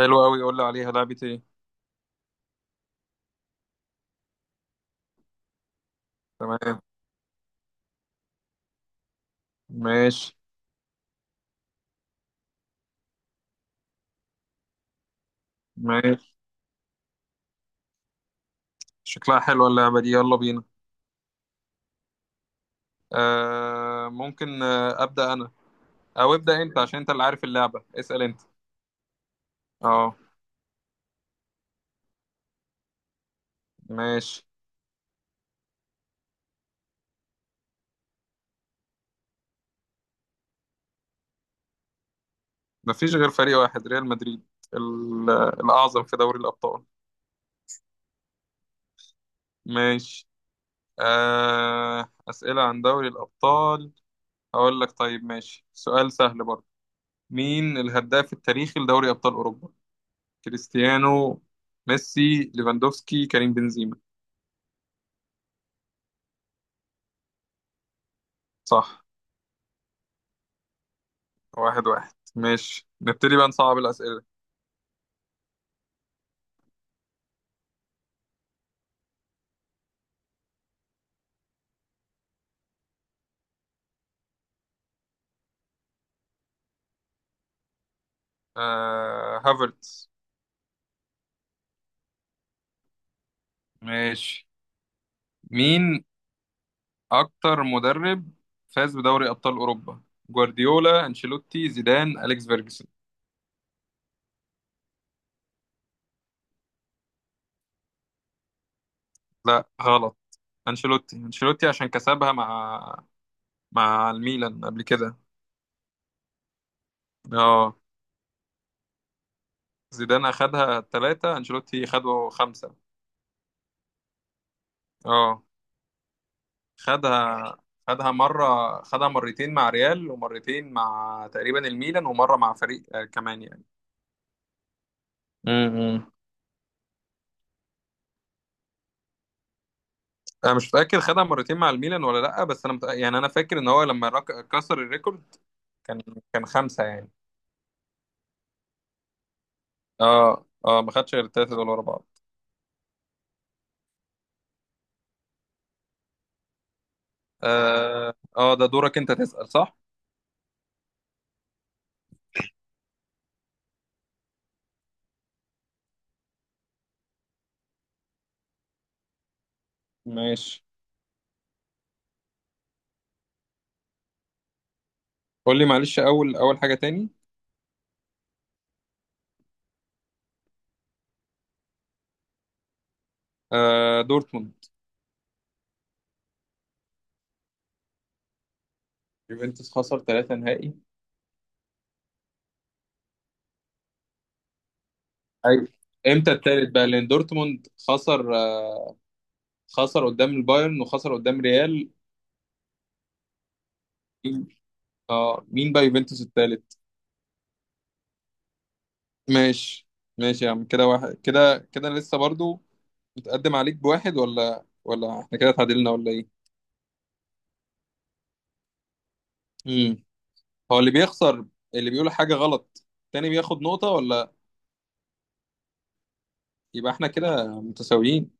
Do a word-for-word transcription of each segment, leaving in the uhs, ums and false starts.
حلو قوي، قول لي عليها لعبة ايه؟ تمام. ماشي ماشي. شكلها حلوة اللعبة دي، يلا بينا. آه ممكن آه أبدأ أنا، أو ابدأ أنت عشان أنت اللي عارف اللعبة، اسأل أنت. اه ماشي. مفيش غير فريق واحد، ريال مدريد ال- الأعظم في دوري الأبطال. ماشي. آه، أسئلة عن دوري الأبطال. هقول لك طيب، ماشي سؤال سهل برضه. مين الهداف التاريخي لدوري أبطال أوروبا؟ كريستيانو، ميسي، ليفاندوفسكي، كريم بنزيما؟ صح، واحد واحد. ماشي، نبتدي بقى نصعب الأسئلة. آه، هافرتس. ماشي. مين أكتر مدرب فاز بدوري أبطال أوروبا؟ جوارديولا، أنشيلوتي، زيدان، أليكس فيرجسون؟ لا غلط. أنشيلوتي، أنشيلوتي عشان كسبها مع مع الميلان قبل كده. اه، زيدان أخدها ثلاثة، أنشيلوتي خده خمسة. اه، خدها. خدها مرة، خدها مرتين مع ريال، ومرتين مع تقريبا الميلان، ومرة مع فريق آه، كمان يعني. امم. انا مش فاكر خدها مرتين مع الميلان ولا لا، بس انا متأ... يعني انا فاكر ان هو لما رك... كسر الريكورد كان كان خمسة يعني. اه اه، ما خدش غير التلاتة دول ورا بعض. اه اه، ده دورك انت تسأل صح. ماشي. قول لي معلش، اول اول حاجة تاني. آه دورتموند. يوفنتوس خسر ثلاثة نهائي؟ ايوه. امتى التالت بقى؟ لان دورتموند خسر آه، خسر قدام البايرن وخسر قدام ريال. مين- اه مين بقى يوفنتوس التالت؟ ماشي. ماشي يا عم، كده واحد كده كده لسه برضو. متقدم عليك بواحد ولا ولا احنا كده اتعادلنا، ولا ايه؟ امم. هو اللي بيخسر، اللي بيقول حاجة غلط التاني بياخد نقطة ولا؟ يبقى احنا كده متساويين.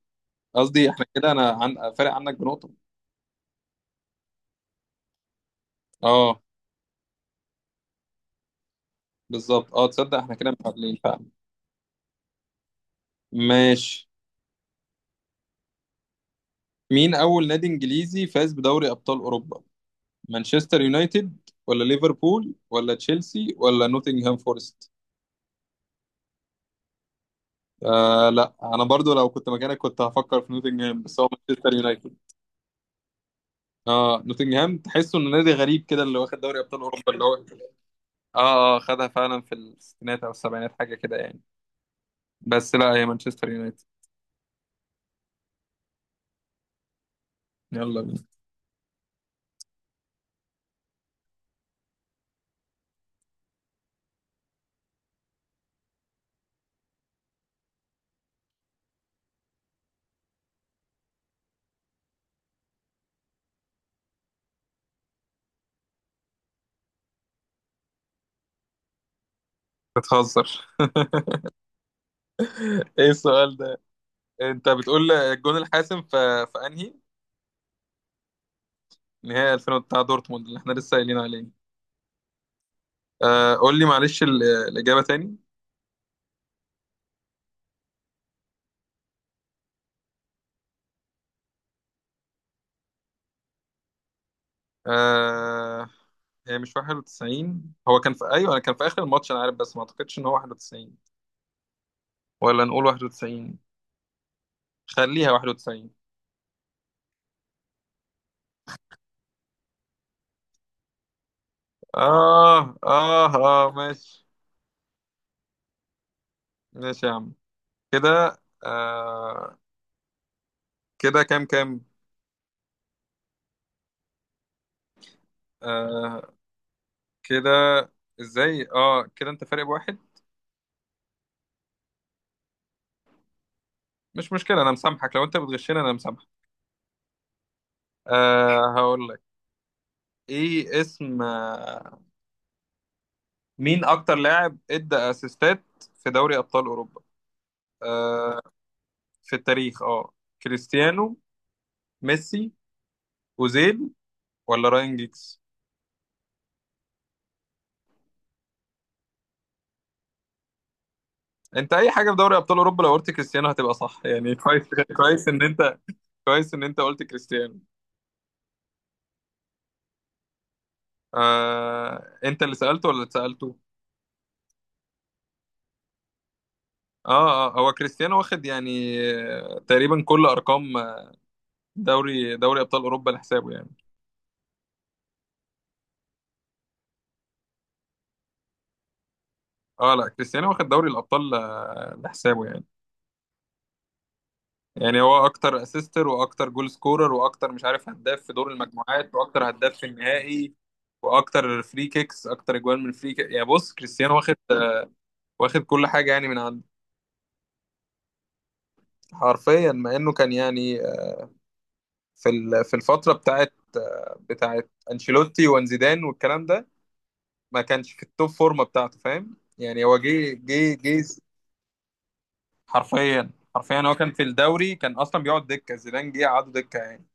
قصدي احنا كده انا عن... فارق عنك بنقطة. اه بالظبط، اه تصدق احنا كده متعادلين فعلا. ماشي. مين اول نادي انجليزي فاز بدوري ابطال اوروبا؟ مانشستر يونايتد، ولا ليفربول، ولا تشيلسي، ولا نوتنغهام فورست؟ آه لا، انا برضو لو كنت مكانك كنت هفكر في نوتنغهام، بس هو مانشستر يونايتد. اه نوتنجهام تحسه انه نادي غريب كده اللي واخد دوري ابطال اوروبا، اللي هو اه اه خدها فعلا في الستينات او السبعينات حاجه كده يعني. بس لا، هي مانشستر يونايتد. يلا بينا. بتهزر؟ ايه السؤال ده؟ انت بتقول الجون الحاسم في في انهي نهائي؟ ألفين بتاع دورتموند اللي احنا لسه قايلين عليه. آه قول لي معلش ال- الاجابه تاني. آه، هي مش واحد وتسعين. هو كان في ايوه، كان في اخر الماتش انا عارف، بس ما اعتقدش ان هو واحد وتسعين. ولا نقول واحد وتسعين؟ خليها واحد وتسعين. آه آه آه، ماشي. ماشي يا عم، كده آه، كده كام كام؟ آه كده، إزاي آه كده أنت فارق بواحد؟ مش مشكلة، أنا مسامحك لو أنت بتغشني، أنا مسامحك. آه هقول لك. إيه اسم آه مين أكتر لاعب إدى أسيستات في دوري أبطال أوروبا؟ آه في التاريخ، آه. كريستيانو، ميسي، أوزيل، ولا راين جيكس؟ أنت أي حاجة في دوري أبطال أوروبا لو قلت كريستيانو هتبقى صح يعني، كويس. كويس إن أنت كويس ان انت قلت كريستيانو. آه، انت اللي سألته ولا اللي سألته؟ اه اه، هو كريستيانو واخد يعني آه، تقريبا كل ارقام دوري دوري ابطال اوروبا لحسابه يعني. اه لا، كريستيانو واخد دوري الابطال آه، لحسابه يعني. يعني هو اكتر اسيستر، واكتر جول سكورر، واكتر مش عارف، هداف في دور المجموعات، واكتر هداف في النهائي، واكتر فري كيكس، اكتر اجوال من فري كيك. يعني بص، كريستيانو واخد، واخد كل حاجه يعني من عنده. حرفيا، مع انه كان يعني في ال- في الفتره بتاعت بتاعت انشيلوتي وانزيدان والكلام ده، ما كانش في التوب فورمه بتاعته. فاهم يعني، هو جه جه جه. حرفيا حرفيا، هو كان في الدوري كان اصلا بيقعد دكه، زيدان جه قعده دكه يعني.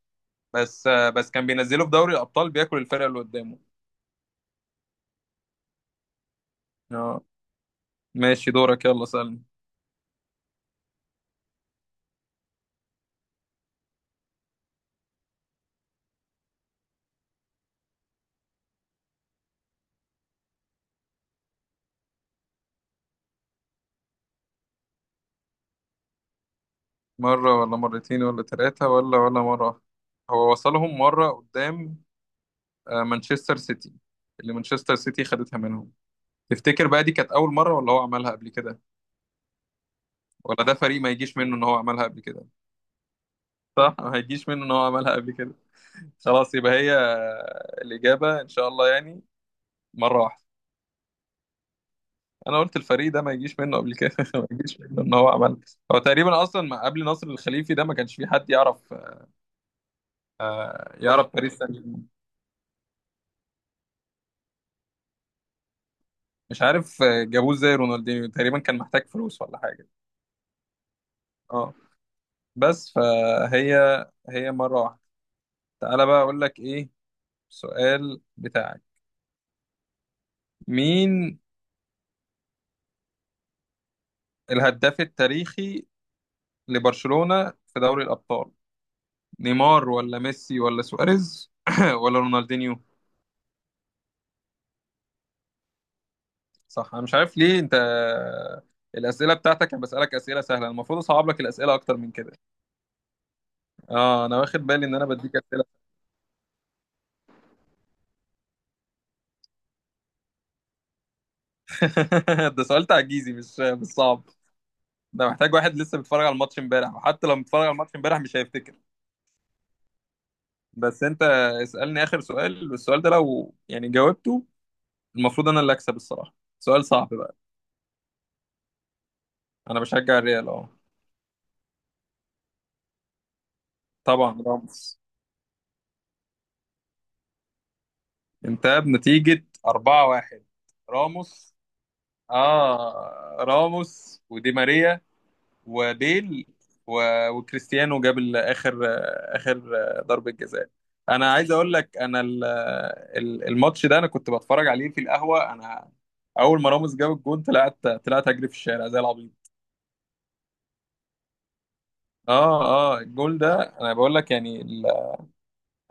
بس بس، كان بينزله في دوري الابطال بياكل الفرقه اللي قدامه. اه. ماشي، دورك يلا سألني. مره، ولا مرتين، ولا ثلاثه، ولا ولا مره واحدة. هو وصلهم مره قدام آه، مانشستر سيتي، اللي مانشستر سيتي خدتها منهم. تفتكر بقى دي كانت اول مره، ولا هو عملها قبل كده؟ ولا ده فريق ما يجيش منه ان هو عملها قبل كده. صح، ما هيجيش منه ان هو عملها قبل كده. خلاص، يبقى هي الاجابه ان شاء الله يعني، مره واحده. انا قلت الفريق ده ما يجيش منه قبل كده. ما يجيش منه ان هو عملها. هو تقريبا اصلا ما قبل نصر الخليفي ده، ما كانش في حد يعرف آه، يعرف باريس سان جيرمان. مش عارف آه، جابوه ازاي رونالدينيو، تقريبا كان محتاج فلوس ولا حاجه. اه، بس فهي، هي مره واحده. تعالى بقى اقول لك ايه السؤال بتاعك. مين الهداف التاريخي لبرشلونة في دوري الأبطال؟ نيمار، ولا ميسي، ولا سواريز، ولا رونالدينيو؟ صح. أنا مش عارف ليه أنت، الأسئلة بتاعتك أنا بسألك أسئلة سهلة، المفروض أصعب لك الأسئلة أكتر من كده. أه أنا واخد بالي إن أنا بديك أسئلة. ده سؤال تعجيزي، مش مش صعب. ده محتاج واحد لسه بيتفرج على الماتش امبارح، وحتى لو متفرج على الماتش امبارح مش هيفتكر. بس أنت، اسألني آخر سؤال، والسؤال ده لو يعني جاوبته المفروض أنا اللي أكسب الصراحة. سؤال صعب بقى. أنا بشجع الريال أه. طبعا راموس. انتهى بنتيجة أربعة واحد. راموس، اه راموس، ودي ماريا، وبيل، و... وكريستيانو جاب ال- اخر، اخر ضربة جزاء. انا عايز اقول لك انا ال- ال- الماتش ده انا كنت بتفرج عليه في القهوة. انا اول ما راموس جاب الجون، طلعت طلعت اجري في الشارع زي العبيط. اه اه، الجول ده انا بقول لك يعني ال...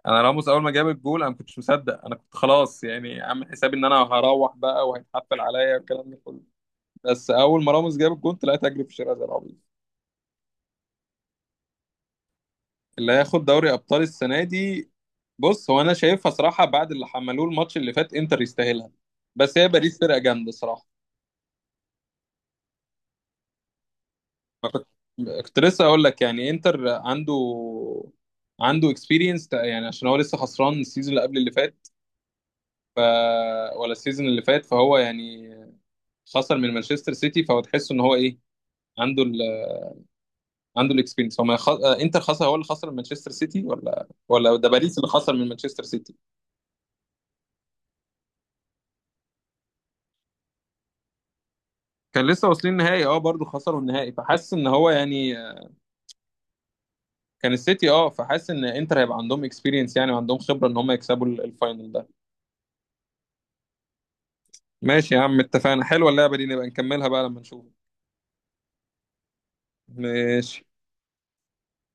انا راموس اول ما جاب الجول انا ما كنتش مصدق. انا كنت خلاص يعني عامل حسابي ان انا هروح بقى وهيتحفل عليا والكلام ده كله. بس اول ما راموس جاب الجون طلعت اجري في الشارع زي العبيط. اللي هياخد دوري ابطال السنه دي، بص هو انا شايفها صراحه، بعد اللي حملوه الماتش اللي فات انتر يستاهلها. بس هي باريس فرقه جامده صراحه. ما كنت كنت لسه اقول لك يعني انتر عنده عنده اكسبيرينس يعني، عشان هو لسه خسران السيزون اللي قبل اللي فات. ف... ولا السيزون اللي فات، فهو يعني خسر من مانشستر سيتي، فهو تحس ان هو ايه، عنده ال... عنده الاكسبيرينس. هو ما خ... آه، انتر خسر، هو اللي خسر من مانشستر سيتي، ولا ولا ده باريس اللي خسر من مانشستر سيتي. كان لسه واصلين النهائي اه، برضه خسروا النهائي، فحاسس ان هو يعني، كان السيتي اه، فحاسس ان انتر هيبقى عندهم اكسبيرينس يعني، وعندهم خبره ان هم يكسبوا ال- الفاينل ده. ماشي يا عم اتفقنا، حلوه اللعبه دي، نبقى نكملها بقى لما نشوف. ماشي.